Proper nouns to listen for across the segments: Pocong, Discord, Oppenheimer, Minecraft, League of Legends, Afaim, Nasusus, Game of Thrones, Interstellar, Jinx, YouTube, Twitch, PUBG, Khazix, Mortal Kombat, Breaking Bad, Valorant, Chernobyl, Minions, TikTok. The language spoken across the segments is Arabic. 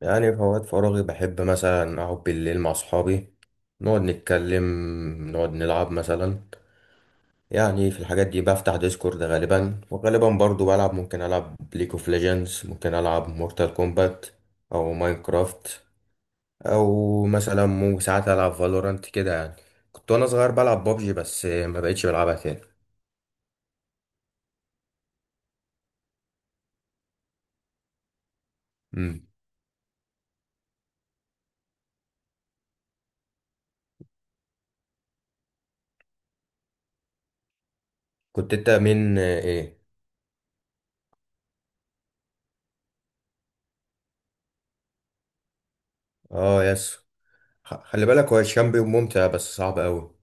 يعني في أوقات فراغي بحب مثلا أقعد بالليل مع أصحابي، نقعد نتكلم، نقعد نلعب مثلا. يعني في الحاجات دي بفتح ديسكورد غالبا، وغالبا برضو بلعب. ممكن ألعب ليج اوف ليجندز، ممكن ألعب مورتال كومبات أو ماينكرافت، أو مثلا مو ساعات ألعب فالورانت كده يعني. كنت وأنا صغير بلعب بابجي بس ما بقتش بلعبها تاني. مم. كنت أنت من إيه؟ آه يس. خلي بالك هو الشامبيون ممتع بس صعب أوي.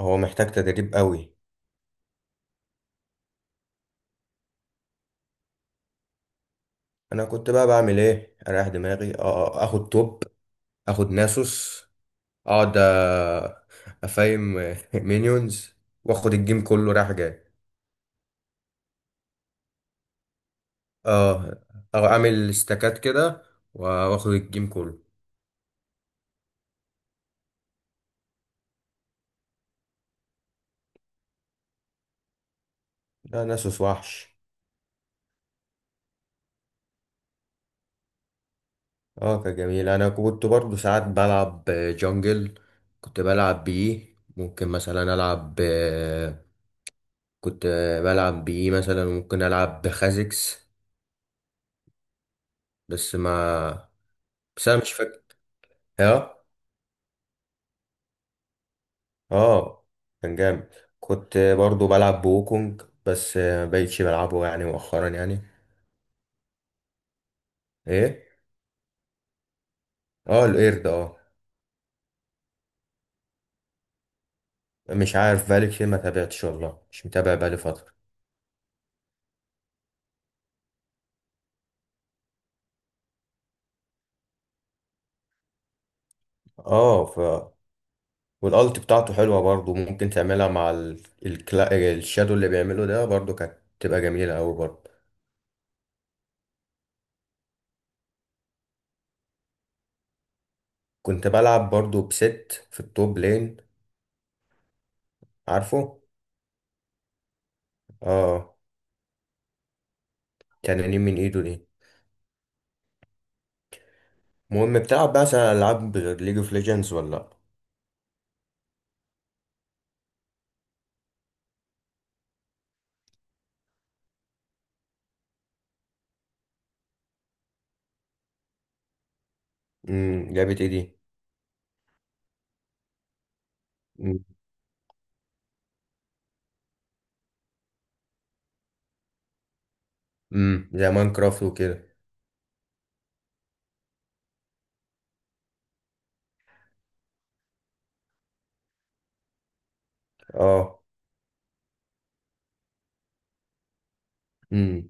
هو محتاج تدريب أوي. انا كنت بقى بعمل ايه اريح دماغي. اه. اخد توب، اخد ناسوس، اقعد، افايم مينيونز، واخد الجيم كله رايح جاي. اه. أو اعمل استكات كده، واخد الجيم كله. ده ناسوس وحش. اه كان جميل. انا كنت برضو ساعات بلعب جونجل، كنت بلعب بيه ممكن مثلا العب، كنت بلعب بيه مثلا ممكن العب بخازكس. بس ما بس انا مش فاكر. اه كان جامد. كنت برضو بلعب بوكونج بس، مبقتش بلعبه يعني مؤخرا يعني. ايه. اه القرد اه. مش عارف، بقالي كتير ما تابعتش والله، مش متابع بقالي فترة. اه. والالت بتاعته حلوة برضو، ممكن تعملها مع الشادو اللي بيعمله ده برضو، كانت تبقى جميلة اوي برضو. كنت بلعب برضو بست في التوب لين. عارفه. اه. تنانين من ايده دي. المهم، بتلعب بقى العاب غير ليج اوف ليجندز ولا لأ؟ امم، لعبة ايه دي؟ امم، زي ماينكرافت وكده. اه. امم.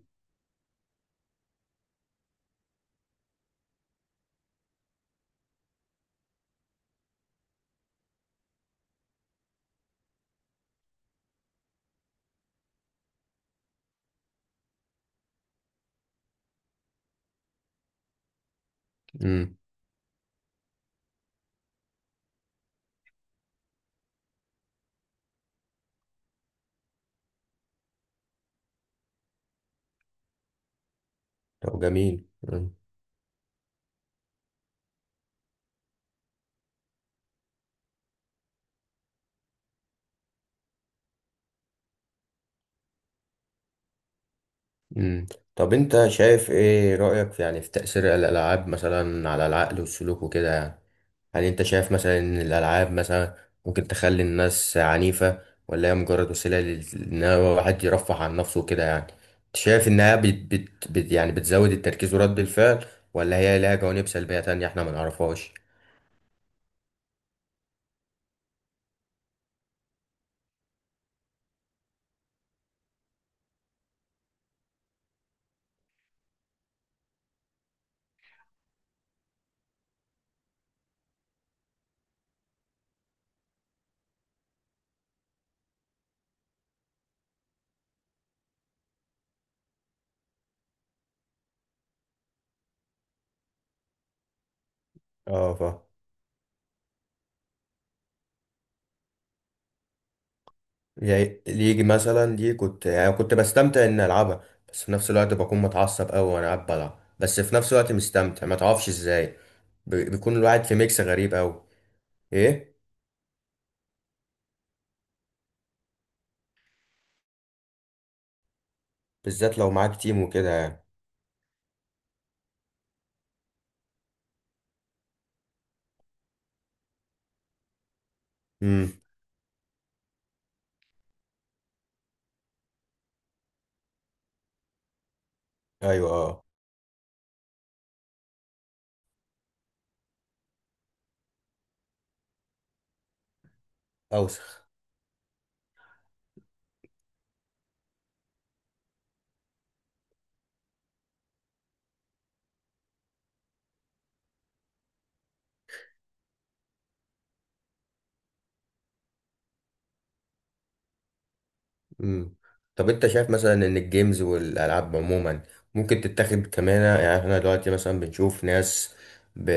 امم. طب جميل. مم. مم. طب انت شايف، ايه رأيك في يعني في تأثير الألعاب مثلا على العقل والسلوك وكده يعني؟ هل انت شايف مثلا ان الألعاب مثلا ممكن تخلي الناس عنيفة، ولا هي مجرد وسيلة ان هو واحد يرفه عن نفسه وكده يعني؟ انت شايف انها بت يعني بتزود التركيز ورد الفعل، ولا هي لها جوانب سلبية تانية احنا ما نعرفهاش؟ اه. يعني ليجي مثلا دي كنت بستمتع اني العبها. بس في نفس الوقت بكون متعصب قوي وانا قاعد بلعب، بس في نفس الوقت مستمتع، ما تعرفش ازاي. بيكون الواحد في ميكس غريب قوي. ايه. بالذات لو معاك تيم وكده يعني. امم. ايوه. اه. اوسخ. مم. طب انت شايف مثلا ان الجيمز والالعاب عموما ممكن تتاخد كمان، يعني احنا دلوقتي مثلا بنشوف ناس ب...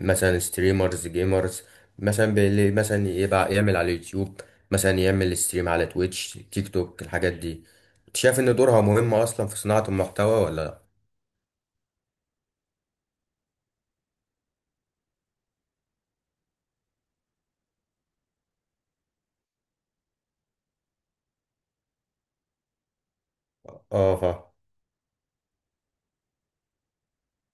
مثلا ستريمرز جيمرز، مثلا اللي مثلا يبقى يعمل على اليوتيوب، مثلا يعمل ستريم على تويتش تيك توك الحاجات دي. انت شايف ان دورها مهم اصلا في صناعة المحتوى ولا لا؟ اه.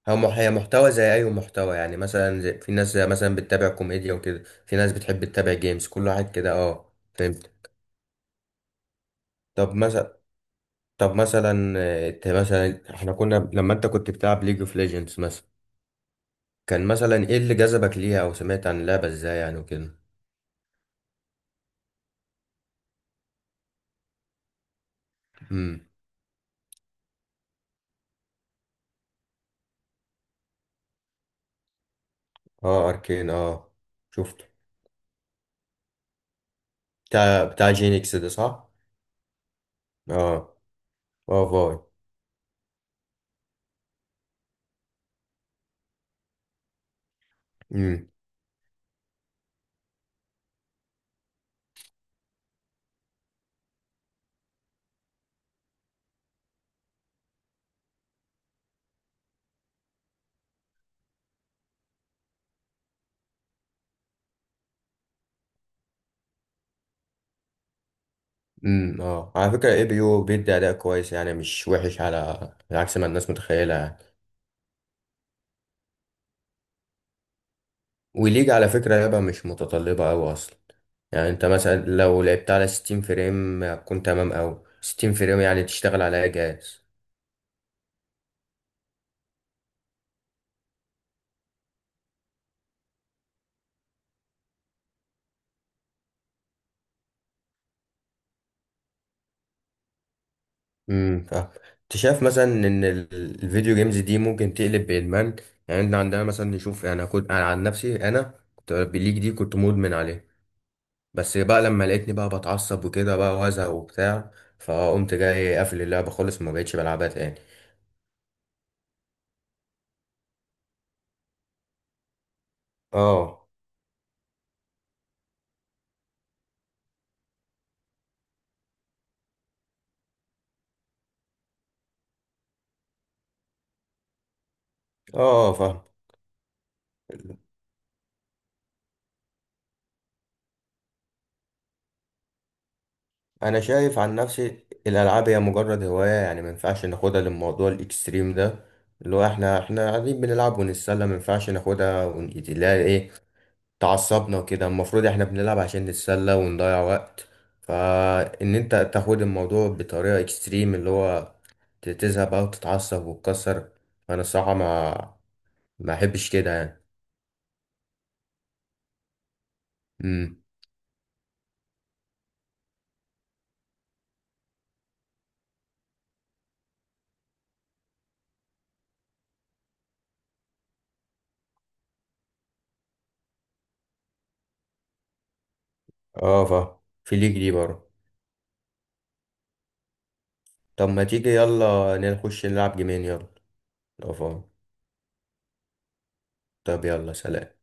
هي محتوى زي اي محتوى يعني، مثلا في ناس زي مثلا بتتابع كوميديا وكده، في ناس بتحب تتابع جيمز كل واحد كده. اه فهمت. طب مثلا. انت مثلا احنا كنا لما انت كنت بتلعب ليج اوف ليجندز مثلا، كان مثلا ايه اللي جذبك ليها او سمعت عن اللعبه ازاي يعني وكده؟ امم. اه اركين اه. شفته. بتاع جينكس ده صح. اه. اه فاي. امم. امم. اه، على فكره اي بي يو بيدي اداء كويس يعني، مش وحش على عكس ما الناس متخيله يعني. وليج على فكره لعبه مش متطلبه قوي اصلا. يعني انت مثلا لو لعبت على 60 فريم كنت تمام، او 60 فريم يعني تشتغل على اي جهاز. فاهم. انت شايف مثلا ان الفيديو جيمز دي ممكن تقلب بادمان؟ يعني احنا عندنا مثلا نشوف، يعني كنت انا عن نفسي، انا كنت بالليج دي كنت مدمن عليه. بس بقى لما لقيتني بقى بتعصب وكده بقى وازهق وبتاع، فقمت جاي قافل اللعبه خالص، ما بقتش بلعبها تاني. اه. اه فاهم. انا شايف عن نفسي الالعاب هي مجرد هوايه يعني، ما ينفعش ناخدها للموضوع الاكستريم ده. اللي هو احنا قاعدين بنلعب ونتسلى، ما ينفعش ناخدها لا ايه، تعصبنا كده. المفروض احنا بنلعب عشان نتسلى ونضيع وقت. فان انت تاخد الموضوع بطريقة اكستريم اللي هو تزهق بقى وتتعصب وتكسر، فانا الصراحة ما احبش كده يعني. امم. اه فاهم. في ليك دي برضه. طب ما تيجي يلا نخش نلعب جيمين يلا. لو فاهم. طب يلا سلام.